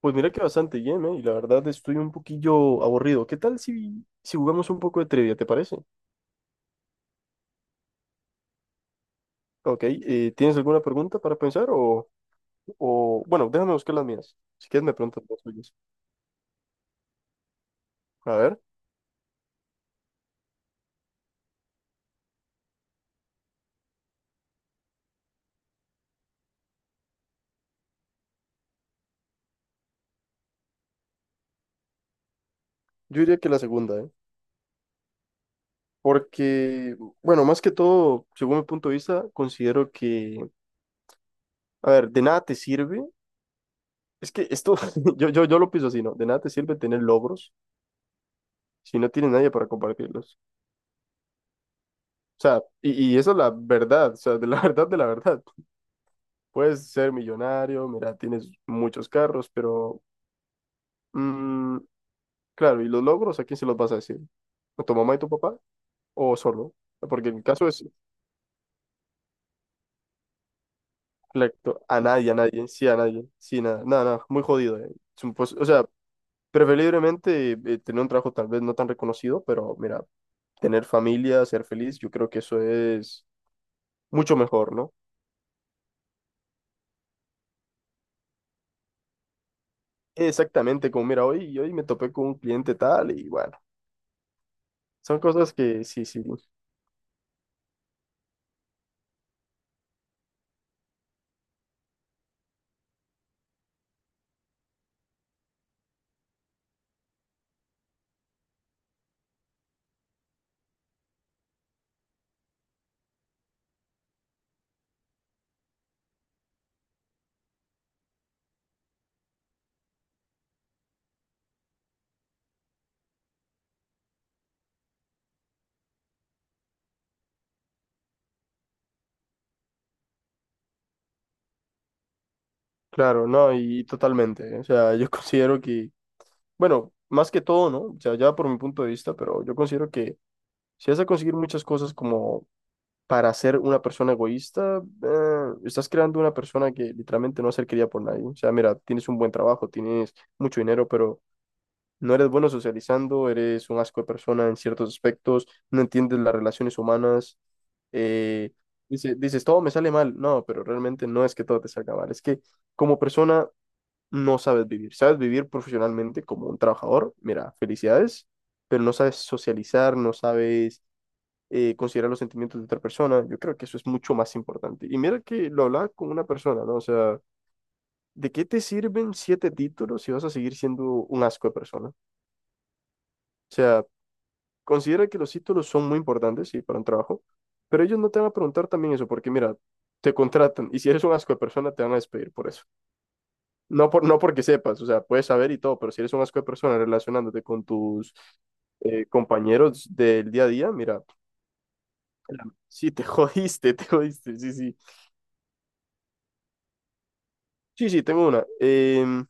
Pues mira que bastante bien, ¿eh? Y la verdad estoy un poquillo aburrido. ¿Qué tal si jugamos un poco de trivia, te parece? Ok, ¿tienes alguna pregunta para pensar Bueno, déjame buscar las mías. Si quieres me preguntas las tuyas. A ver, yo diría que la segunda, ¿eh? Porque, bueno, más que todo, según mi punto de vista, considero que, a ver, de nada te sirve. Es que esto, yo lo pienso así, ¿no? De nada te sirve tener logros si no tienes nadie para compartirlos. O sea, y eso es la verdad, o sea, de la verdad, de la verdad. Puedes ser millonario, mira, tienes muchos carros, pero mm, claro, ¿y los logros a quién se los vas a decir? ¿A tu mamá y tu papá? ¿O solo? Porque el caso es, exacto, a nadie, sí, nada, nada, nada, muy jodido. Es un o sea, preferiblemente tener un trabajo tal vez no tan reconocido, pero mira, tener familia, ser feliz, yo creo que eso es mucho mejor, ¿no? Exactamente, como mira, hoy me topé con un cliente tal y bueno, son cosas que sí, sí. Claro, no, y totalmente. O sea, yo considero que, bueno, más que todo, ¿no? O sea, ya por mi punto de vista, pero yo considero que si vas a conseguir muchas cosas como para ser una persona egoísta, estás creando una persona que literalmente no va a ser querida por nadie. O sea, mira, tienes un buen trabajo, tienes mucho dinero, pero no eres bueno socializando, eres un asco de persona en ciertos aspectos, no entiendes las relaciones humanas. eh, dices, todo me sale mal. No, pero realmente no es que todo te salga mal, es que como persona no sabes vivir. Sabes vivir profesionalmente como un trabajador, mira, felicidades, pero no sabes socializar, no sabes considerar los sentimientos de otra persona. Yo creo que eso es mucho más importante. Y mira que lo hablaba con una persona, ¿no? O sea, ¿de qué te sirven siete títulos si vas a seguir siendo un asco de persona? O sea, considera que los títulos son muy importantes, sí, para un trabajo, pero ellos no te van a preguntar también eso, porque mira, te contratan y si eres un asco de persona te van a despedir por eso. No, por, no porque sepas, o sea, puedes saber y todo, pero si eres un asco de persona relacionándote con tus compañeros del día a día, mira, sí, te jodiste, te jodiste, sí, sí. Sí, sí, tengo una. Em,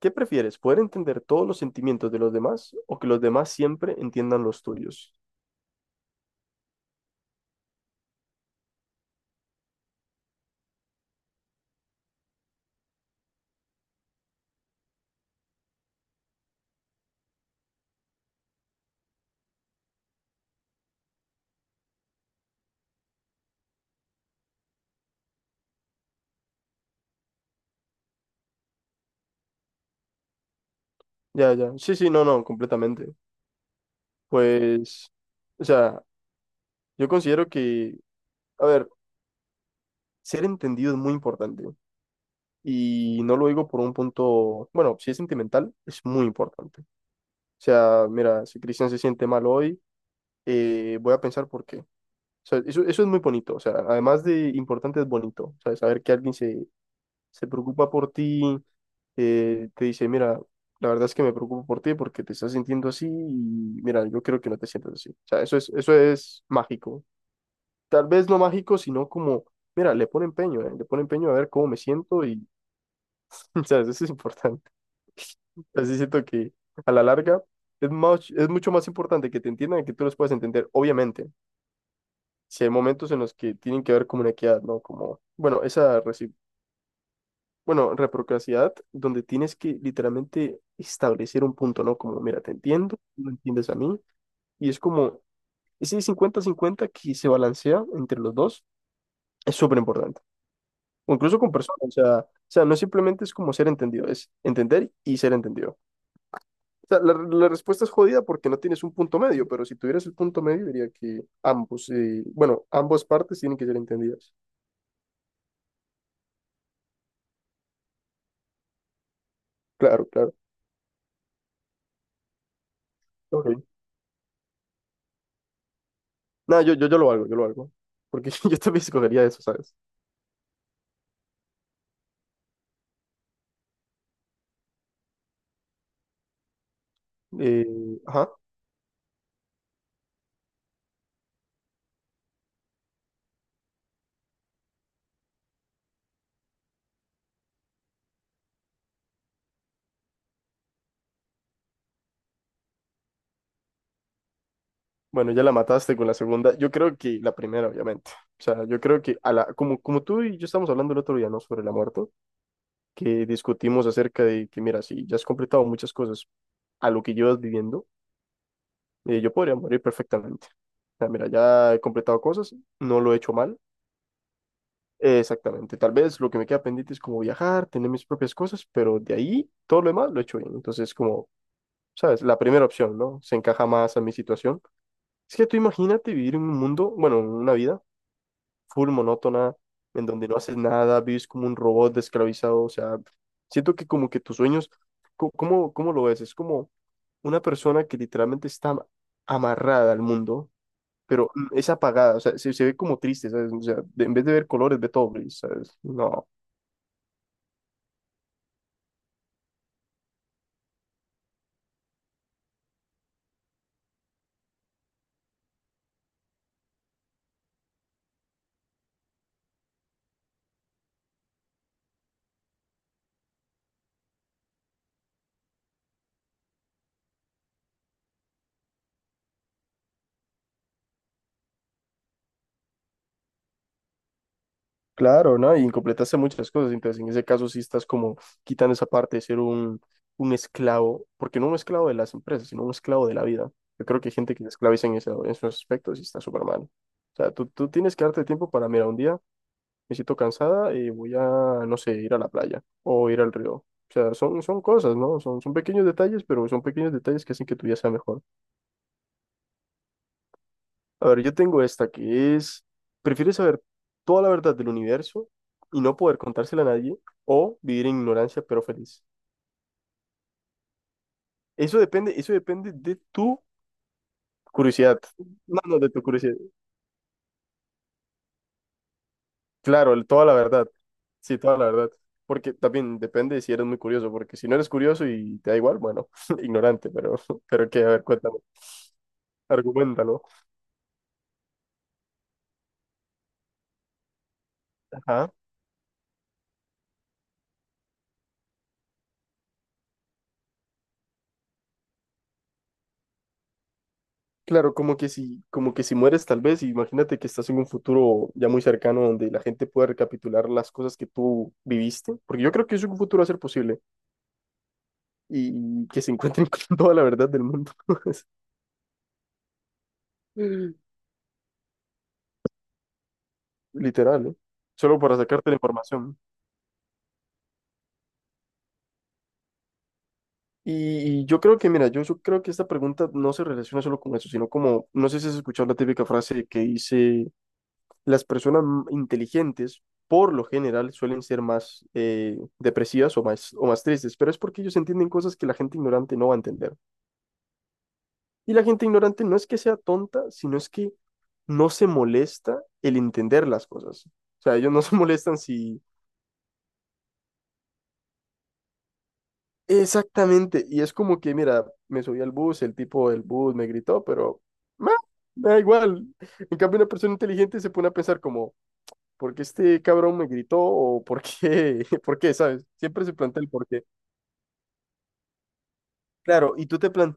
¿qué prefieres? ¿Poder entender todos los sentimientos de los demás o que los demás siempre entiendan los tuyos? Ya, ya. Sí, sí, no, no, completamente. Pues, o sea, yo considero que, a ver, ser entendido es muy importante. Y no lo digo por un punto, bueno, si es sentimental, es muy importante. O sea, mira, si Cristian se siente mal hoy, voy a pensar por qué. O sea, eso es muy bonito. O sea, además de importante, es bonito. O sea, saber que alguien se preocupa por ti, te dice, mira, la verdad es que me preocupo por ti porque te estás sintiendo así y mira, yo creo que no te sientas así. O sea, eso es mágico. Tal vez no mágico, sino como, mira, le pone empeño a ver cómo me siento y, o sea, eso es importante. Así siento que a la larga es más, es mucho más importante que te entiendan y que tú los puedas entender. Obviamente, si hay momentos en los que tienen que haber como una equidad, ¿no? Como, bueno, bueno, reciprocidad, donde tienes que literalmente establecer un punto, ¿no? Como, mira, te entiendo, tú me entiendes a mí. Y es como ese cincuenta cincuenta que se balancea entre los dos es súper importante. O incluso con personas, o sea, no simplemente es como ser entendido, es entender y ser entendido. O sea, la respuesta es jodida porque no tienes un punto medio, pero si tuvieras el punto medio, diría que ambos, bueno, ambas partes tienen que ser entendidas. Claro, claro. Ok. Nada, yo lo hago, yo lo hago. Porque yo también escogería eso, ¿sabes? Eh, ajá. Bueno, ya la mataste con la segunda. Yo creo que la primera, obviamente. O sea, yo creo que a la, como, como tú y yo estamos hablando el otro día, ¿no? Sobre la muerte, que discutimos acerca de que, mira, si ya has completado muchas cosas a lo que llevas viviendo. Y yo podría morir perfectamente. O sea, mira, ya he completado cosas, no lo he hecho mal. Exactamente. Tal vez lo que me queda pendiente es como viajar, tener mis propias cosas, pero de ahí todo lo demás lo he hecho bien. Entonces, como, ¿sabes? La primera opción, ¿no? Se encaja más a mi situación. Es que tú imagínate vivir en un mundo, bueno, en una vida full monótona, en donde no haces nada, vives como un robot esclavizado. O sea, siento que como que tus sueños, ¿cómo lo ves? Es como una persona que literalmente está amarrada al mundo, pero es apagada, o sea, se ve como triste, ¿sabes? O sea, en vez de ver colores, ve todo gris, ¿sabes? No, claro, ¿no? Y incompletaste muchas cosas, entonces en ese caso sí estás como quitando esa parte de ser un esclavo, porque no un esclavo de las empresas, sino un esclavo de la vida. Yo creo que hay gente que se esclaviza en, en esos aspectos y está súper mal. O sea, tú tienes que darte tiempo para, mira, un día me siento cansada y voy a, no sé, ir a la playa o ir al río. O sea, son cosas, ¿no? Son pequeños detalles, pero son pequeños detalles que hacen que tu día sea mejor. A ver, yo tengo esta que es, ¿prefieres saber toda la verdad del universo y no poder contársela a nadie o vivir en ignorancia pero feliz? Eso depende de tu curiosidad. No, no, de tu curiosidad. Claro, toda la verdad. Sí, toda la verdad. Porque también depende de si eres muy curioso, porque si no eres curioso y te da igual, bueno, ignorante, pero qué, a ver, cuéntame, argumentalo. Claro, como que si mueres tal vez, imagínate que estás en un futuro ya muy cercano donde la gente pueda recapitular las cosas que tú viviste, porque yo creo que eso en un futuro va a ser posible y que se encuentren con toda la verdad del mundo, literal, ¿eh? Solo para sacarte la información. Y yo creo que, mira, yo creo que esta pregunta no se relaciona solo con eso, sino como, no sé si has escuchado la típica frase que dice las personas inteligentes por lo general suelen ser más depresivas o más tristes, pero es porque ellos entienden cosas que la gente ignorante no va a entender. Y la gente ignorante no es que sea tonta, sino es que no se molesta el entender las cosas. O sea, ellos no se molestan si... Exactamente, y es como que, mira, me subí al bus, el tipo del bus me gritó, pero... "Meh, me da igual". En cambio, una persona inteligente se pone a pensar como, ¿por qué este cabrón me gritó? ¿O por qué? ¿Por qué? ¿Sabes? Siempre se plantea el por qué. Claro, y tú te plan...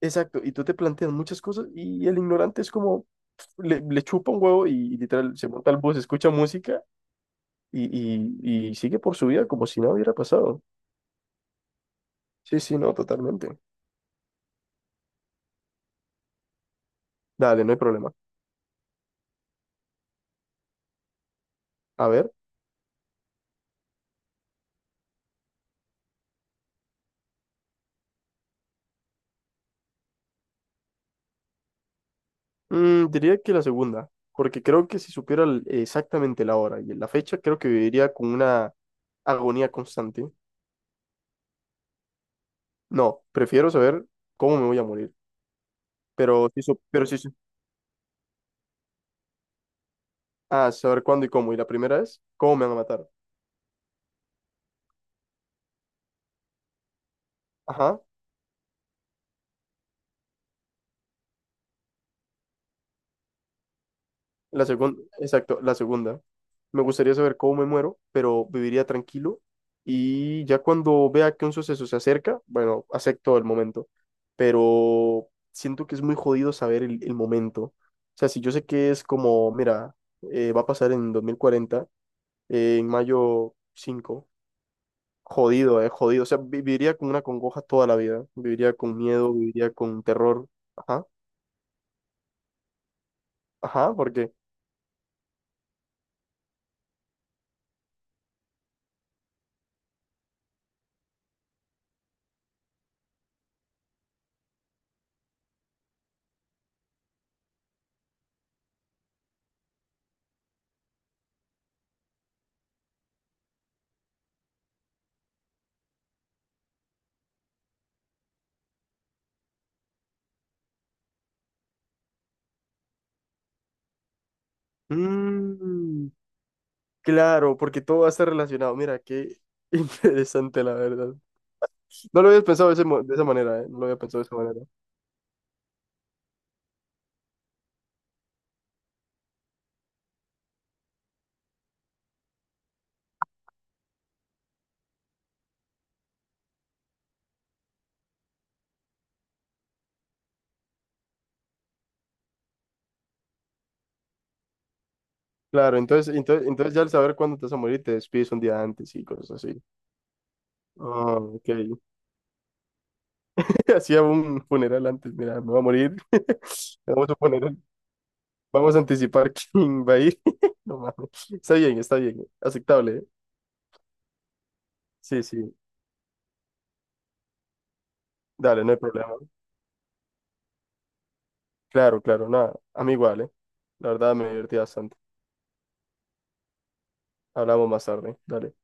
Exacto, y tú te planteas muchas cosas y el ignorante es como, pf, le chupa un huevo y literal se monta al bus, escucha música y, y sigue por su vida como si nada hubiera pasado. Sí, sí, no, totalmente. Dale, no hay problema. A ver, diría que la segunda, porque creo que si supiera exactamente la hora y la fecha, creo que viviría con una agonía constante. No, prefiero saber cómo me voy a morir. Pero sí, ah, saber cuándo y cómo. Y la primera es, ¿cómo me van a matar? Ajá. La segunda, exacto, la segunda. Me gustaría saber cómo me muero, pero viviría tranquilo. Y ya cuando vea que un suceso se acerca, bueno, acepto el momento. Pero siento que es muy jodido saber el momento. O sea, si yo sé que es como, mira, va a pasar en 2040, en mayo 5. Jodido, jodido. O sea, viviría con una congoja toda la vida. Viviría con miedo, viviría con terror. Ajá, ajá, porque. Mm, claro, porque todo va a estar relacionado. Mira, qué interesante, la verdad. No lo habías pensado de esa manera, ¿eh? No lo había pensado de esa manera. Claro, entonces ya al saber cuándo te vas a morir, te despides un día antes y cosas así. Ah, ok. Hacía un funeral antes, mira, me va a morir. Vamos a poner, vamos a anticipar quién va a ir. No mames. Está bien, está bien. Aceptable. Sí, sí, dale, no hay problema. Claro, claro, nada. A mí igual, ¿eh? La verdad me divertí bastante. Hablamos más tarde. Dale.